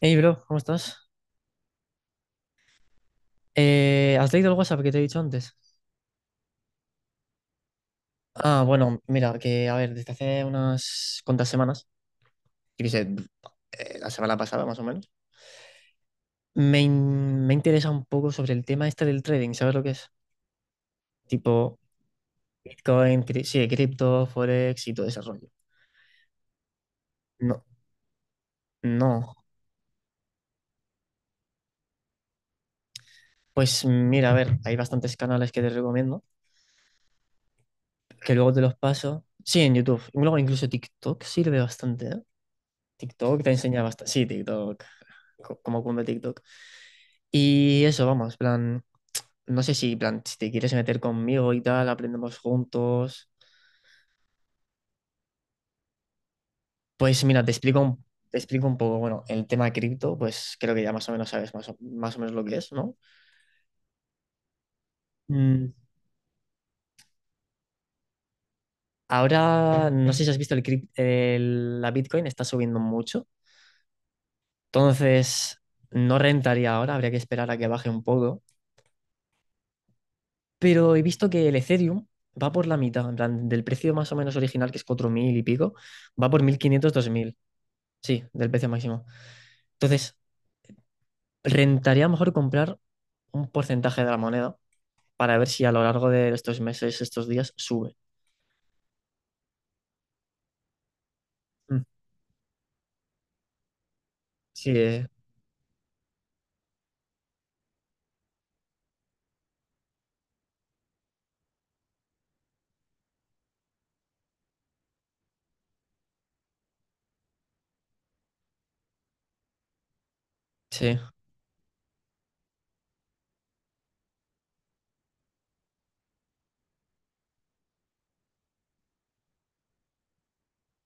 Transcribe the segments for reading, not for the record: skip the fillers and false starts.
Hey, bro, ¿cómo estás? ¿Has leído el WhatsApp que te he dicho antes? Ah, bueno, mira, que a ver, desde hace unas cuantas semanas, yo qué sé, la semana pasada más o menos, me interesa un poco sobre el tema este del trading, ¿sabes lo que es? Tipo Bitcoin, sí, cripto, Forex y todo ese rollo. No, no. Pues mira, a ver, hay bastantes canales que te recomiendo, que luego te los paso. Sí, en YouTube. Luego incluso TikTok sirve bastante, ¿eh? TikTok te enseña bastante. Sí, TikTok. Como cunde TikTok. Y eso, vamos, plan, no sé si, plan, si te quieres meter conmigo y tal, aprendemos juntos. Pues mira, te explico un poco, bueno, el tema cripto, pues creo que ya más o menos sabes más o menos lo que es, ¿no? Mm. Ahora, no sé si has visto la Bitcoin, está subiendo mucho. Entonces no rentaría ahora, habría que esperar a que baje un poco, pero he visto que el Ethereum va por la mitad, en plan, del precio más o menos original, que es 4.000 y pico, va por 1.500, 2.000. Sí, del precio máximo. Entonces, rentaría mejor comprar un porcentaje de la moneda para ver si a lo largo de estos meses, estos días, sube. Mm. Sí, sí.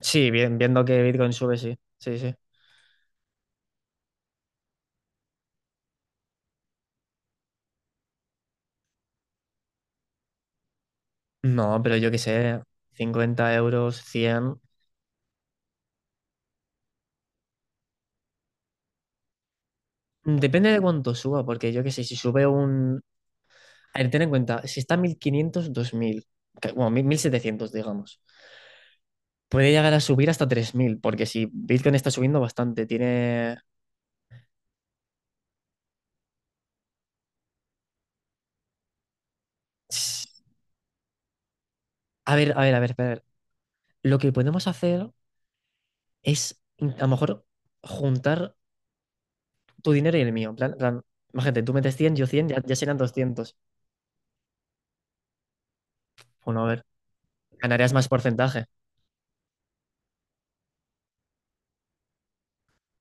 Sí, bien, viendo que Bitcoin sube, sí. Sí, sí. No, pero yo qué sé, 50 euros, cien. Depende de cuánto suba, porque yo qué sé, si sube un... A ver, ten en cuenta, si está a 1500, 2000, bueno, 1.700 digamos. Puede llegar a subir hasta 3.000 porque si Bitcoin está subiendo bastante, tiene... A ver, a ver, a ver, espera. Lo que podemos hacer es, a lo mejor, juntar tu dinero y el mío. En plan, imagínate, tú metes 100 yo 100 ya serían 200. Bueno, a ver, ganarías más porcentaje.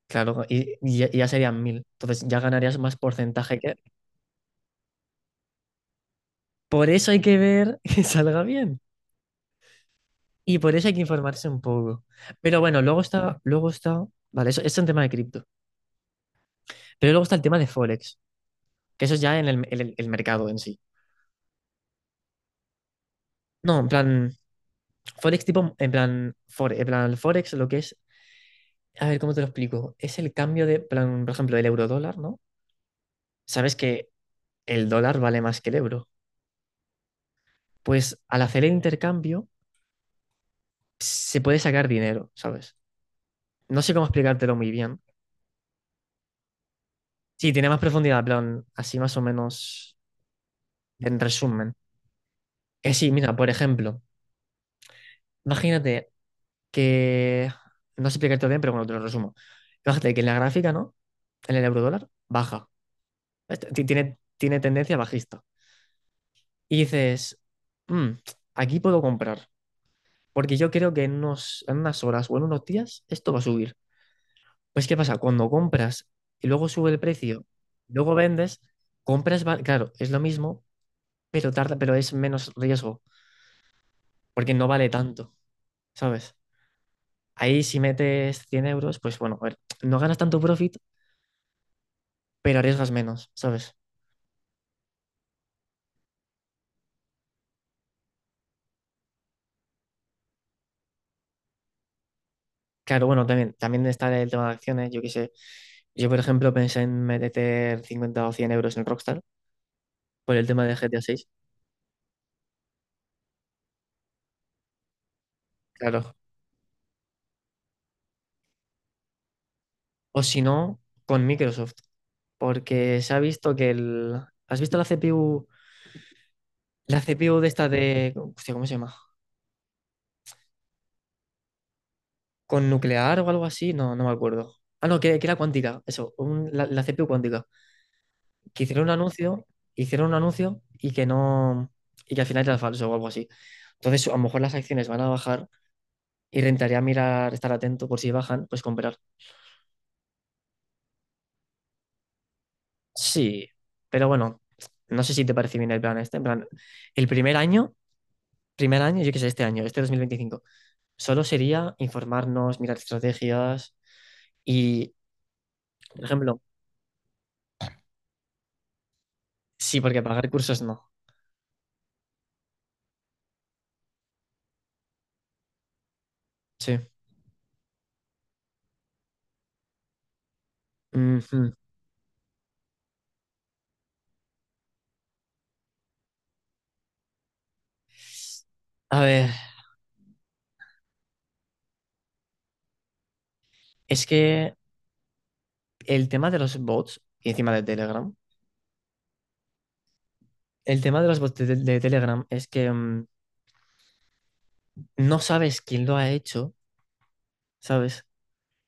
Claro, y ya serían 1.000. Entonces ya ganarías más porcentaje que... Por eso hay que ver que salga bien. Y por eso hay que informarse un poco. Pero bueno, luego está. Vale, eso es un tema de cripto. Pero luego está el tema de Forex, que eso es ya en el mercado en sí. No, en plan, Forex tipo, en plan, en plan, el Forex, lo que es. A ver, ¿cómo te lo explico? Es el cambio de, plan, por ejemplo, del euro-dólar, ¿no? Sabes que el dólar vale más que el euro. Pues al hacer el intercambio se puede sacar dinero, ¿sabes? No sé cómo explicártelo muy bien. Sí, tiene más profundidad, plan, así más o menos en resumen. Que sí, mira, por ejemplo, imagínate que, no sé explicártelo bien, pero bueno, te lo resumo. Imagínate que en la gráfica, ¿no? En el euro-dólar baja. Tiene tendencia bajista. Y dices: "Mm, aquí puedo comprar. Porque yo creo que en unas horas o en unos días esto va a subir". Pues ¿qué pasa? Cuando compras y luego sube el precio, luego vendes, compras, claro, es lo mismo, pero tarda, pero es menos riesgo, porque no vale tanto, ¿sabes? Ahí si metes 100 euros, pues bueno, a ver, no ganas tanto profit, pero arriesgas menos, ¿sabes? Claro, bueno, también está el tema de acciones, yo qué sé. Yo, por ejemplo, pensé en meter 50 o 100 euros en Rockstar por el tema de GTA 6. Claro. O si no, con Microsoft. Porque se ha visto que el... ¿Has visto la CPU? La CPU de esta de... Hostia, ¿cómo se llama? ¿Con nuclear o algo así? No, no me acuerdo. Ah, no, que era cuántica. Eso, la CPU cuántica. Que hicieron un anuncio y que no... Y que al final era falso o algo así. Entonces, a lo mejor las acciones van a bajar y rentaría mirar, estar atento por si bajan, pues comprar. Sí, pero bueno, no sé si te parece bien el plan este. En plan, el primer año, yo que sé, este año, este 2025 solo sería informarnos, mirar estrategias y, por ejemplo, sí, porque pagar cursos no. Sí. Ujú. A ver, es que el tema de los bots, y encima de Telegram, el tema de los bots de Telegram es que no sabes quién lo ha hecho, ¿sabes?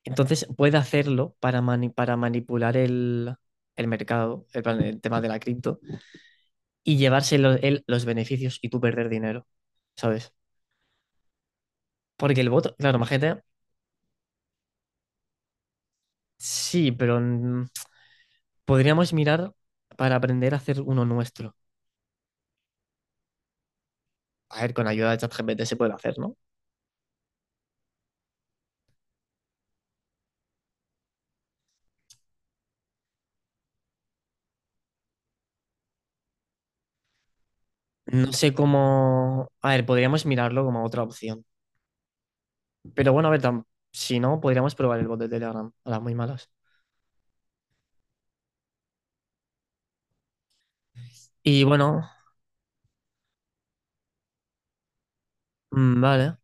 Entonces puede hacerlo para, para manipular el mercado, el tema de la cripto, y llevarse él los beneficios y tú perder dinero, ¿sabes? Porque el voto, claro, majete, sí, pero podríamos mirar para aprender a hacer uno nuestro. A ver, con ayuda de ChatGPT se puede hacer, ¿no? No sé cómo. A ver, podríamos mirarlo como otra opción. Pero bueno, a ver, si no, podríamos probar el bot de Telegram a las muy malas. Y bueno, vale.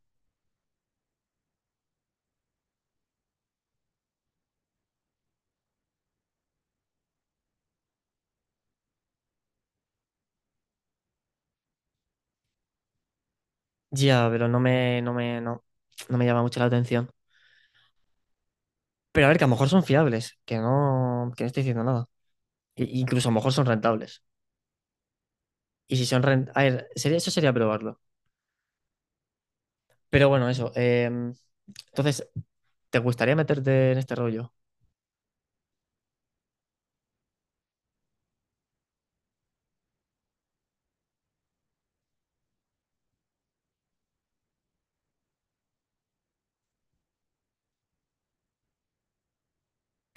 Ya, pero no me llama mucho la atención. Pero a ver, que a lo mejor son fiables, que no estoy diciendo nada. Incluso a lo mejor son rentables. Y si son rentables. A ver, eso sería probarlo. Pero bueno, eso. Entonces, ¿te gustaría meterte en este rollo?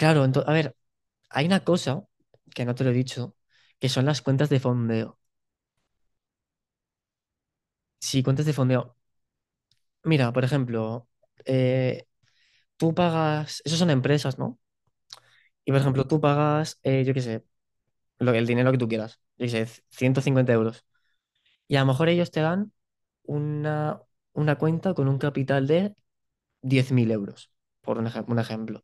Claro, a ver, hay una cosa que no te lo he dicho, que son las cuentas de fondeo. Si cuentas de fondeo, mira, por ejemplo, eh, tú pagas, esos son empresas, ¿no? Y por ejemplo, tú pagas, yo qué sé, el dinero que tú quieras, yo qué sé, 150 euros. Y a lo mejor ellos te dan una, una cuenta con un capital de 10.000 euros, por un, un ejemplo.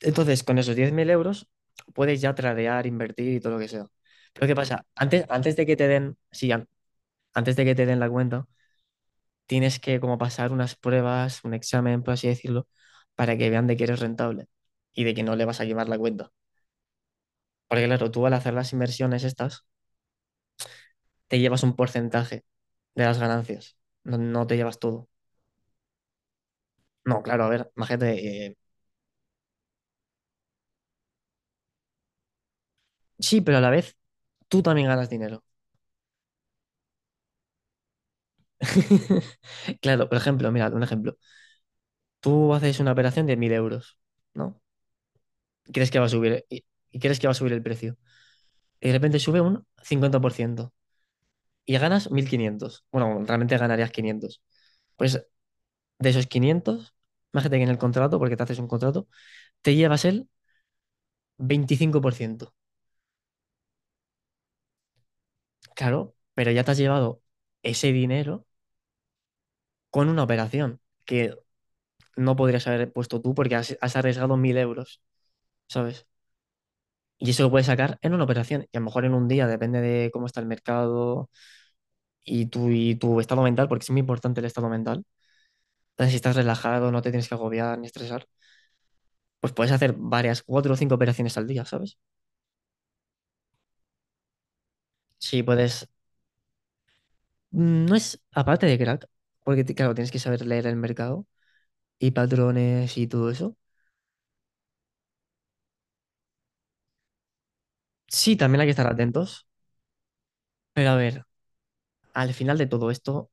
Entonces, con esos 10.000 euros puedes ya tradear, invertir y todo lo que sea. Pero ¿qué pasa? Antes de que te den, sí, antes de que te den la cuenta, tienes que como pasar unas pruebas, un examen, por así decirlo, para que vean de que eres rentable y de que no le vas a llevar la cuenta. Porque claro, tú al hacer las inversiones estas, te llevas un porcentaje de las ganancias. No, no te llevas todo. No, claro, a ver, imagínate, sí, pero a la vez tú también ganas dinero. Claro, por ejemplo, mira, un ejemplo. Tú haces una operación de 1.000 euros, ¿no? Y crees que va a subir, crees que va a subir el precio. Y de repente sube un 50% y ganas 1.500. Bueno, realmente ganarías 500. Pues de esos 500, imagínate que en el contrato, porque te haces un contrato, te llevas el 25%. Claro, pero ya te has llevado ese dinero con una operación que no podrías haber puesto tú porque has arriesgado 1.000 euros, ¿sabes? Y eso lo puedes sacar en una operación. Y a lo mejor en un día, depende de cómo está el mercado, y tu estado mental, porque es muy importante el estado mental. Entonces, si estás relajado, no te tienes que agobiar ni estresar, pues puedes hacer varias, cuatro o cinco operaciones al día, ¿sabes? Si puedes, no es aparte de crack, porque claro, tienes que saber leer el mercado y patrones y todo eso. Sí, también hay que estar atentos, pero a ver, al final de todo esto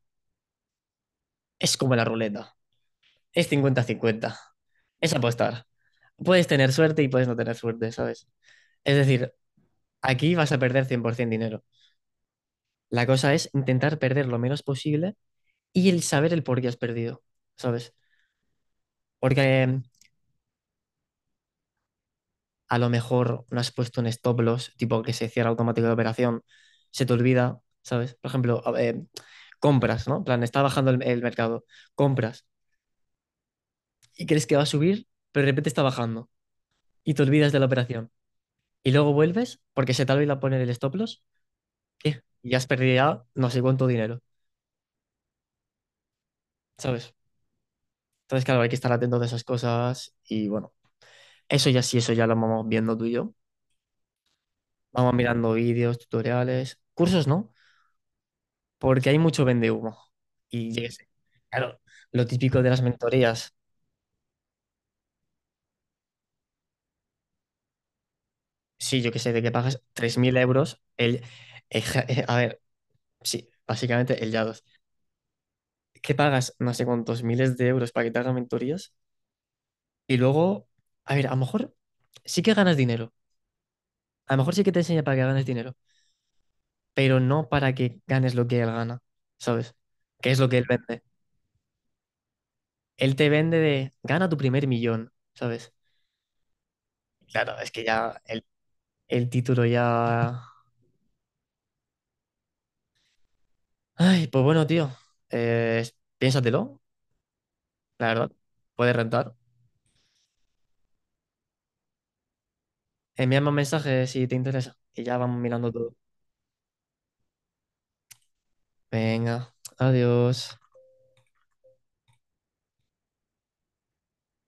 es como la ruleta, es cincuenta cincuenta, es apostar. Puedes tener suerte y puedes no tener suerte, ¿sabes? Es decir, aquí vas a perder 100% dinero. La cosa es intentar perder lo menos posible y el saber el por qué has perdido, ¿sabes? Porque a lo mejor no has puesto un stop loss, tipo que se cierra automático la operación, se te olvida, ¿sabes? Por ejemplo, compras, ¿no? En plan, está bajando el mercado, compras y crees que va a subir, pero de repente está bajando y te olvidas de la operación. Y luego vuelves porque se te olvida poner el stop loss, ¿qué? Y has perdido ya no sé cuánto dinero, ¿sabes? Entonces, claro, hay que estar atento de esas cosas y bueno. Eso ya sí, eso ya lo vamos viendo tú y yo. Vamos mirando vídeos, tutoriales, cursos, ¿no? Porque hay mucho vende humo. Y yo qué sé, claro, lo típico de las mentorías, sí, yo qué sé, de que pagas 3.000 euros, el, a ver, sí, básicamente el YADOS, que pagas no sé cuántos miles de euros para que te hagan mentorías y luego, a ver, a lo mejor sí que ganas dinero, a lo mejor sí que te enseña para que ganes dinero, pero no para que ganes lo que él gana, ¿sabes? Que es lo que él vende. Él te vende de gana tu primer millón, ¿sabes? Claro, es que ya el título ya. Ay, pues bueno, tío. eh, Piénsatelo, la verdad. Puedes rentar. Envíame un mensaje si te interesa. Y ya vamos mirando todo. Venga, adiós.